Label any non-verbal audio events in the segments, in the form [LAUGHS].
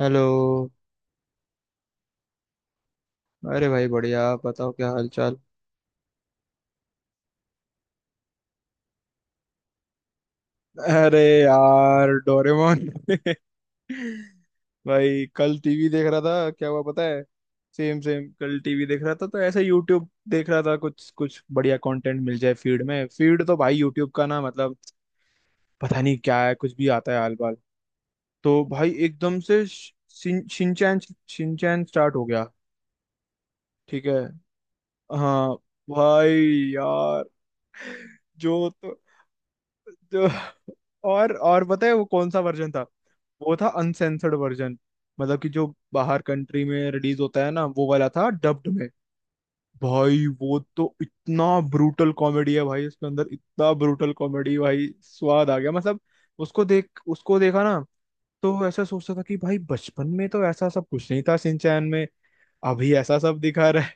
Hello. अरे भाई बढ़िया, आप बताओ क्या हाल चाल। अरे यार डोरेमोन। [LAUGHS] भाई कल टीवी देख रहा था, क्या हुआ पता है। सेम सेम, कल टीवी देख रहा था तो ऐसे यूट्यूब देख रहा था, कुछ कुछ बढ़िया कंटेंट मिल जाए फीड में, फीड तो भाई यूट्यूब का ना, मतलब पता नहीं क्या है, कुछ भी आता है आल बाल। तो भाई एकदम से शिनचैन, शिनचैन स्टार्ट हो गया। ठीक है। हाँ। भाई। यार। जो तो। [LAUGHS] तो और पता है वो कौन सा वर्जन था। वो था अनसेंसर्ड वर्जन, मतलब कि जो बाहर कंट्री में रिलीज होता है ना, वो वाला था डब्ड में। भाई वो तो इतना ब्रूटल कॉमेडी है भाई, उसके अंदर इतना ब्रूटल कॉमेडी भाई, स्वाद आ गया मतलब। उसको देखा ना, तो ऐसा सोचता था कि भाई बचपन में तो ऐसा सब कुछ नहीं था सिंचैन में, अभी ऐसा सब दिखा रहा है।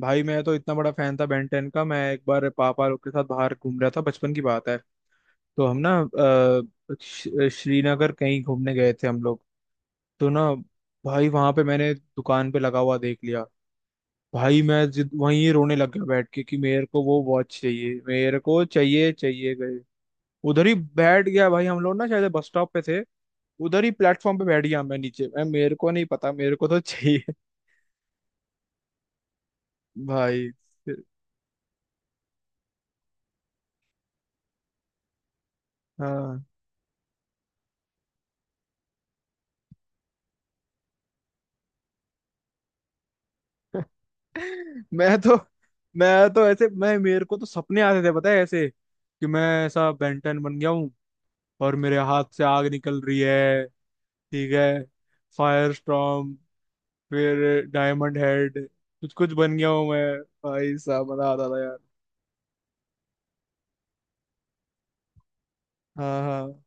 भाई मैं तो इतना बड़ा फैन था बेन टेन का। मैं एक बार पापा लोग के साथ बाहर घूम रहा था, बचपन की बात है। तो हम ना श्रीनगर कहीं घूमने गए थे हम लोग। तो ना, भाई वहां पे मैंने दुकान पे लगा हुआ देख लिया। भाई मैं जिद वहीं ही रोने लग गया बैठ के, कि मेरे को वो वॉच चाहिए, मेरे को चाहिए चाहिए गए। उधर ही बैठ गया भाई, हम लोग ना शायद बस स्टॉप पे थे, उधर ही प्लेटफॉर्म पे बैठ गया मैं नीचे। मैं, मेरे को नहीं पता, मेरे को तो [LAUGHS] चाहिए। भाई फिर- हाँ। [LAUGHS] मैं तो मैं तो ऐसे, मैं मेरे को तो सपने आते थे पता है ऐसे, कि मैं ऐसा बेंटन बन गया हूँ और मेरे हाथ से आग निकल रही है। ठीक है। फायर स्टॉर्म, फिर डायमंड हेड, कुछ कुछ बन गया हूँ मैं। भाई साहब मजा आता था यार। हाँ हाँ।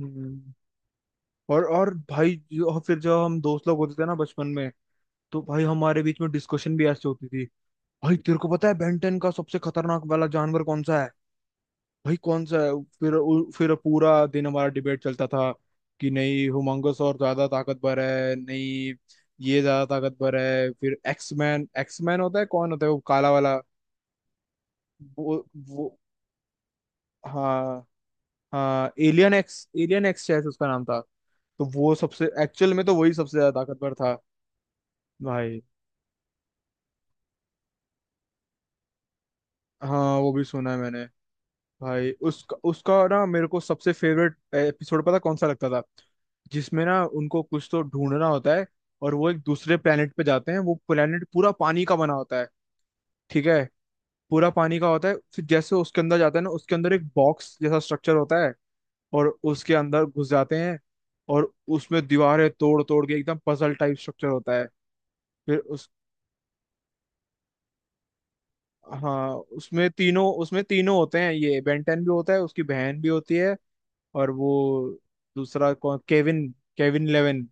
हम्म। और भाई और फिर जब हम दोस्त लोग होते थे ना बचपन में, तो भाई हमारे बीच में डिस्कशन भी ऐसे होती थी। भाई तेरे को पता है बेंटन का सबसे खतरनाक वाला जानवर कौन सा है? भाई कौन सा है? फिर पूरा दिन हमारा डिबेट चलता था, कि नहीं हुमांगस और ज्यादा ताकतवर है, नहीं ये ज्यादा ताकतवर है। फिर एक्समैन, एक्समैन होता है कौन, होता है वो काला वाला। वो वो हाँ, हाँ एलियन एक्स, एलियन एक्स शायद उसका नाम था। तो वो सबसे, एक्चुअल में तो वही सबसे ज्यादा ताकतवर था भाई। हाँ वो भी सुना है मैंने। भाई उसका उसका ना मेरे को सबसे फेवरेट एपिसोड पता कौन सा लगता था, जिसमें ना उनको कुछ तो ढूंढना होता है और वो एक दूसरे planet पे जाते हैं। वो planet पूरा पानी का बना होता है। ठीक है। पूरा पानी का होता है। फिर जैसे उसके अंदर जाते हैं ना, उसके अंदर एक बॉक्स जैसा स्ट्रक्चर होता है और उसके अंदर घुस जाते हैं। और उसमें दीवारें तोड़ तोड़ के एकदम पजल टाइप स्ट्रक्चर होता है। फिर उस हाँ, उसमें तीनों होते हैं, ये बेंटन भी होता है, उसकी बहन भी होती है, और वो दूसरा कौन, केविन, केविन लेवन।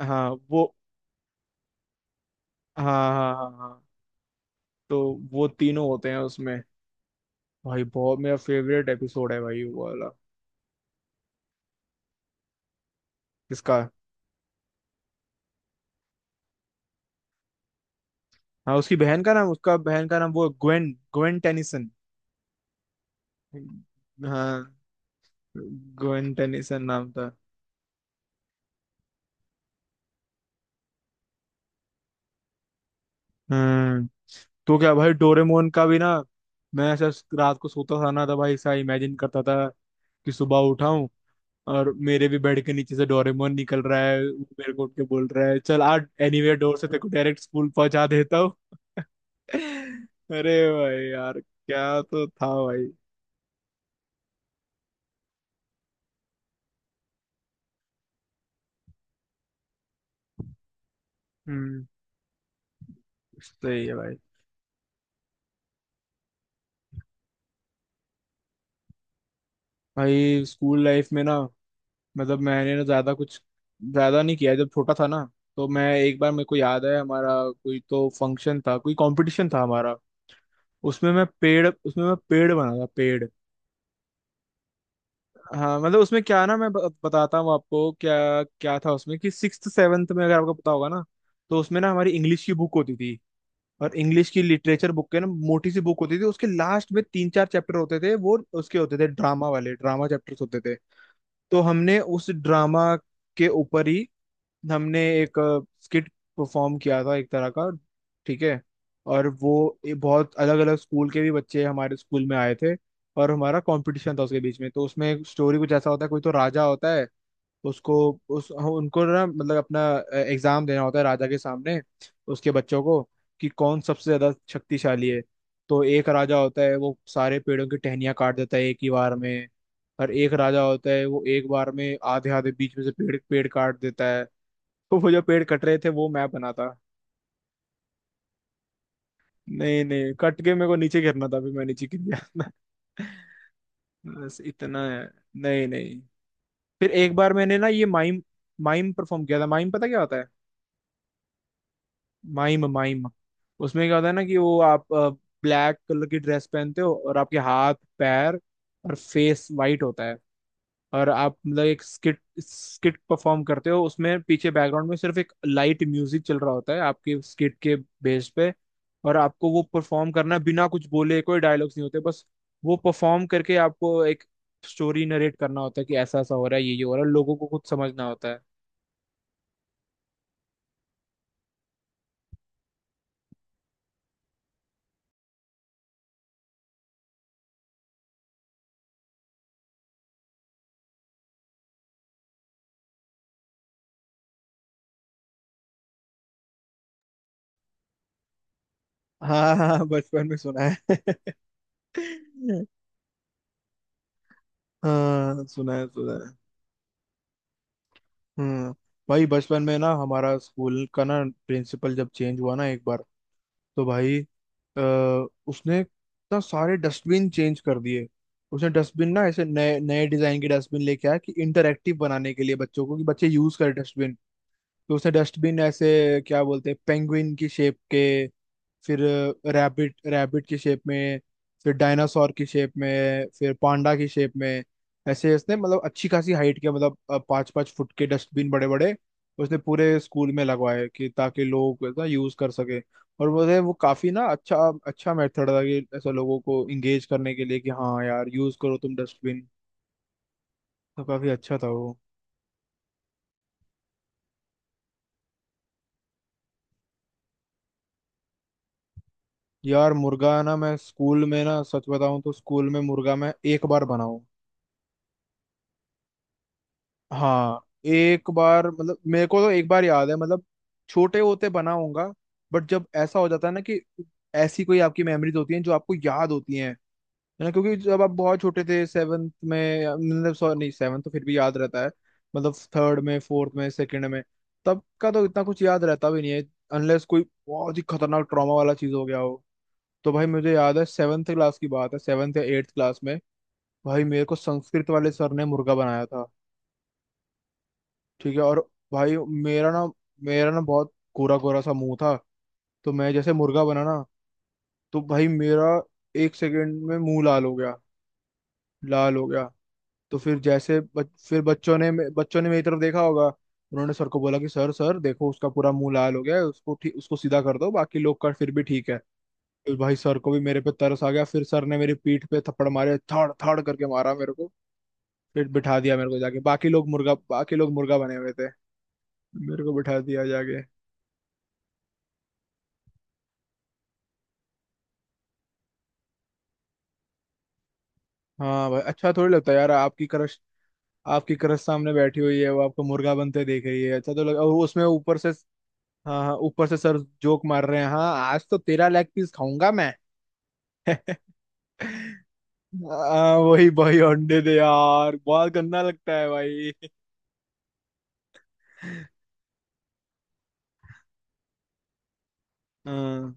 हाँ वो, हाँ, हाँ, हाँ, हाँ। तो वो तीनों होते हैं उसमें। भाई बहुत, मेरा फेवरेट एपिसोड है भाई वो वाला। किसका? हाँ उसकी बहन का नाम, उसका बहन का नाम वो ग्वेन, ग्वेन टेनिसन। हाँ, ग्वेन टेनिसन नाम था। हम्म। तो क्या भाई, डोरेमोन का भी ना, मैं ऐसा रात को सोता था ना, तो भाई ऐसा इमेजिन करता था कि सुबह उठाऊं और मेरे भी बेड के नीचे से डोरेमोन निकल रहा है, वो मेरे को उठ के बोल रहा है चल आज एनीवे डोर से तेरे को डायरेक्ट स्कूल पहुंचा देता हूँ। [LAUGHS] अरे भाई यार क्या तो था भाई। हम्म। सही है भाई। भाई स्कूल लाइफ में ना, मतलब मैंने ना ज्यादा कुछ, ज्यादा नहीं किया। जब छोटा था ना, तो मैं एक बार, मेरे को याद है, हमारा कोई तो फंक्शन था, कोई कंपटीशन था हमारा। उसमें मैं पेड़ बना था, पेड़। हाँ, मतलब उसमें क्या है ना, मैं बताता हूँ आपको क्या क्या था उसमें, कि सिक्स्थ सेवन्थ में अगर आपको पता होगा ना, तो उसमें ना हमारी इंग्लिश की बुक होती थी। और इंग्लिश की लिटरेचर बुक के ना, मोटी सी बुक होती थी, उसके लास्ट में तीन चार चैप्टर होते थे, वो उसके होते थे ड्रामा वाले, ड्रामा चैप्टर्स होते थे। तो हमने उस ड्रामा के ऊपर ही हमने एक स्किट परफॉर्म किया था, एक तरह का। ठीक है। और वो, ये बहुत अलग अलग स्कूल के भी बच्चे हमारे स्कूल में आए थे, और हमारा कंपटीशन था उसके बीच में। तो उसमें स्टोरी कुछ ऐसा होता है, कोई तो राजा होता है, उसको उस हाँ, उनको ना, मतलब अपना एग्जाम देना होता है राजा के सामने, उसके बच्चों को, कि कौन सबसे ज्यादा शक्तिशाली है। तो एक राजा होता है, वो सारे पेड़ों की टहनियाँ काट देता है एक ही बार में। और एक राजा होता है, वो एक बार में आधे आधे बीच में से पेड़ पेड़ काट देता है। तो वो जो पेड़ कट रहे थे, वो मैं बना था। नहीं नहीं, कट के मेरे को नीचे गिरना था, अभी मैं नीचे गिर गया। [LAUGHS] था। बस इतना है। नहीं नहीं। फिर एक बार मैंने ना ये माइम, माइम परफॉर्म किया था। माइम पता क्या होता है? माइम माइम, उसमें क्या होता है ना, कि वो आप ब्लैक कलर की ड्रेस पहनते हो, और आपके हाथ पैर और फेस वाइट होता है। और आप मतलब एक स्किट, स्किट परफॉर्म करते हो, उसमें पीछे बैकग्राउंड में सिर्फ एक लाइट म्यूजिक चल रहा होता है आपके स्किट के बेस पे। और आपको वो परफॉर्म करना है बिना कुछ बोले, कोई डायलॉग्स नहीं होते बस। वो परफॉर्म करके आपको एक स्टोरी नरेट करना होता है, कि ऐसा ऐसा हो रहा है, ये हो रहा है, लोगों को खुद समझना होता है। हाँ हाँ, बचपन में सुना है। [LAUGHS] हाँ सुना है, सुना है। हम्म। भाई बचपन में ना हमारा स्कूल का ना प्रिंसिपल जब चेंज हुआ ना एक बार, तो भाई आ, उसने इतना सारे डस्टबिन चेंज कर दिए। उसने डस्टबिन ना ऐसे नए नए डिजाइन के डस्टबिन लेके आया, कि इंटरेक्टिव बनाने के लिए बच्चों को, कि बच्चे यूज करें डस्टबिन। तो उसने डस्टबिन ऐसे, क्या बोलते हैं, पेंगुइन की शेप के, फिर रैबिट, रैबिट की शेप में, फिर डायनासोर की शेप में, फिर पांडा की शेप में। ऐसे उसने मतलब अच्छी खासी हाइट के, मतलब पाँच पाँच फुट के डस्टबिन, बड़े बड़े, उसने पूरे स्कूल में लगवाए, कि ताकि लोग ना यूज कर सके। और मुझे वो काफी ना अच्छा, अच्छा मेथड था, कि ऐसा लोगों को इंगेज करने के लिए, कि हाँ यार यूज करो तुम डस्टबिन। तो काफी अच्छा था वो। यार मुर्गा ना, मैं स्कूल में ना, सच बताऊं तो स्कूल में मुर्गा मैं एक बार बनाऊं। हाँ एक बार, मतलब मेरे को तो एक बार याद है, मतलब छोटे होते बना होगा। बट जब ऐसा हो जाता है ना, कि ऐसी कोई आपकी मेमोरीज होती हैं जो आपको याद होती हैं, है ना? क्योंकि जब आप बहुत छोटे थे, सेवन्थ में मतलब सॉरी, नहीं सेवन्थ तो फिर भी याद रहता है, मतलब थर्ड में फोर्थ में सेकंड में तब का तो इतना कुछ याद रहता भी नहीं है, अनलेस कोई बहुत ही खतरनाक ट्रॉमा वाला चीज हो गया हो। तो भाई मुझे याद है सेवन्थ क्लास की बात है, सेवन्थ या एट्थ क्लास में, भाई मेरे को संस्कृत वाले सर ने मुर्गा बनाया। ठीक है। और भाई मेरा ना मेरा ना बहुत गोरा गोरा सा मुंह था, तो मैं जैसे मुर्गा बना ना, तो भाई मेरा एक सेकंड में मुंह लाल हो गया। लाल हो गया। तो फिर जैसे फिर बच्चों ने मेरी तरफ देखा होगा। उन्होंने सर को बोला कि सर सर देखो, उसका पूरा मुंह लाल हो गया है, उसको ठीक, उसको सीधा कर दो, बाकी लोग का फिर भी ठीक है। फिर भाई सर को भी मेरे पे तरस आ गया, फिर सर ने मेरी पीठ पे थप्पड़ मारे, थड़ थड़ करके मारा मेरे को। फिर बिठा दिया मेरे को जाके, बाकी लोग मुर्गा बने हुए थे, मेरे को बिठा दिया जाके। हाँ भाई, अच्छा थोड़ी लगता है यार। आपकी क्रश, आपकी क्रश सामने बैठी हुई है, वो आपको मुर्गा बनते देख रही है, अच्छा तो लग, और उसमें ऊपर से, हाँ हाँ ऊपर से सर जोक मार रहे हैं, हाँ आज तो तेरा लेग पीस खाऊंगा मैं। [LAUGHS] हाँ वही भाई अंडे दे यार, बहुत गंदा लगता है भाई। हाँ।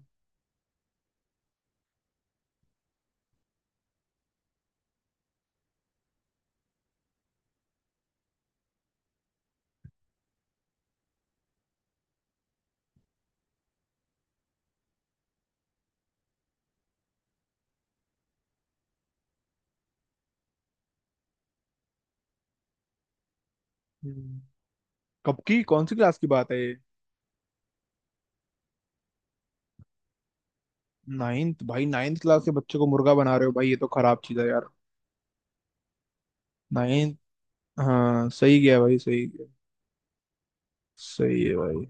हम्म। कब की कौन सी क्लास की बात है ये? नाइन्थ? भाई नाइन्थ क्लास के बच्चे को मुर्गा बना रहे हो भाई, ये तो खराब चीज है यार। नाइन्थ। हाँ सही गया भाई, सही गया। सही है भाई।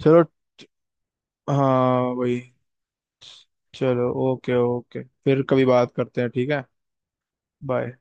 चलो। हाँ भाई। चलो ओके ओके, फिर कभी बात करते हैं, ठीक है। बाय।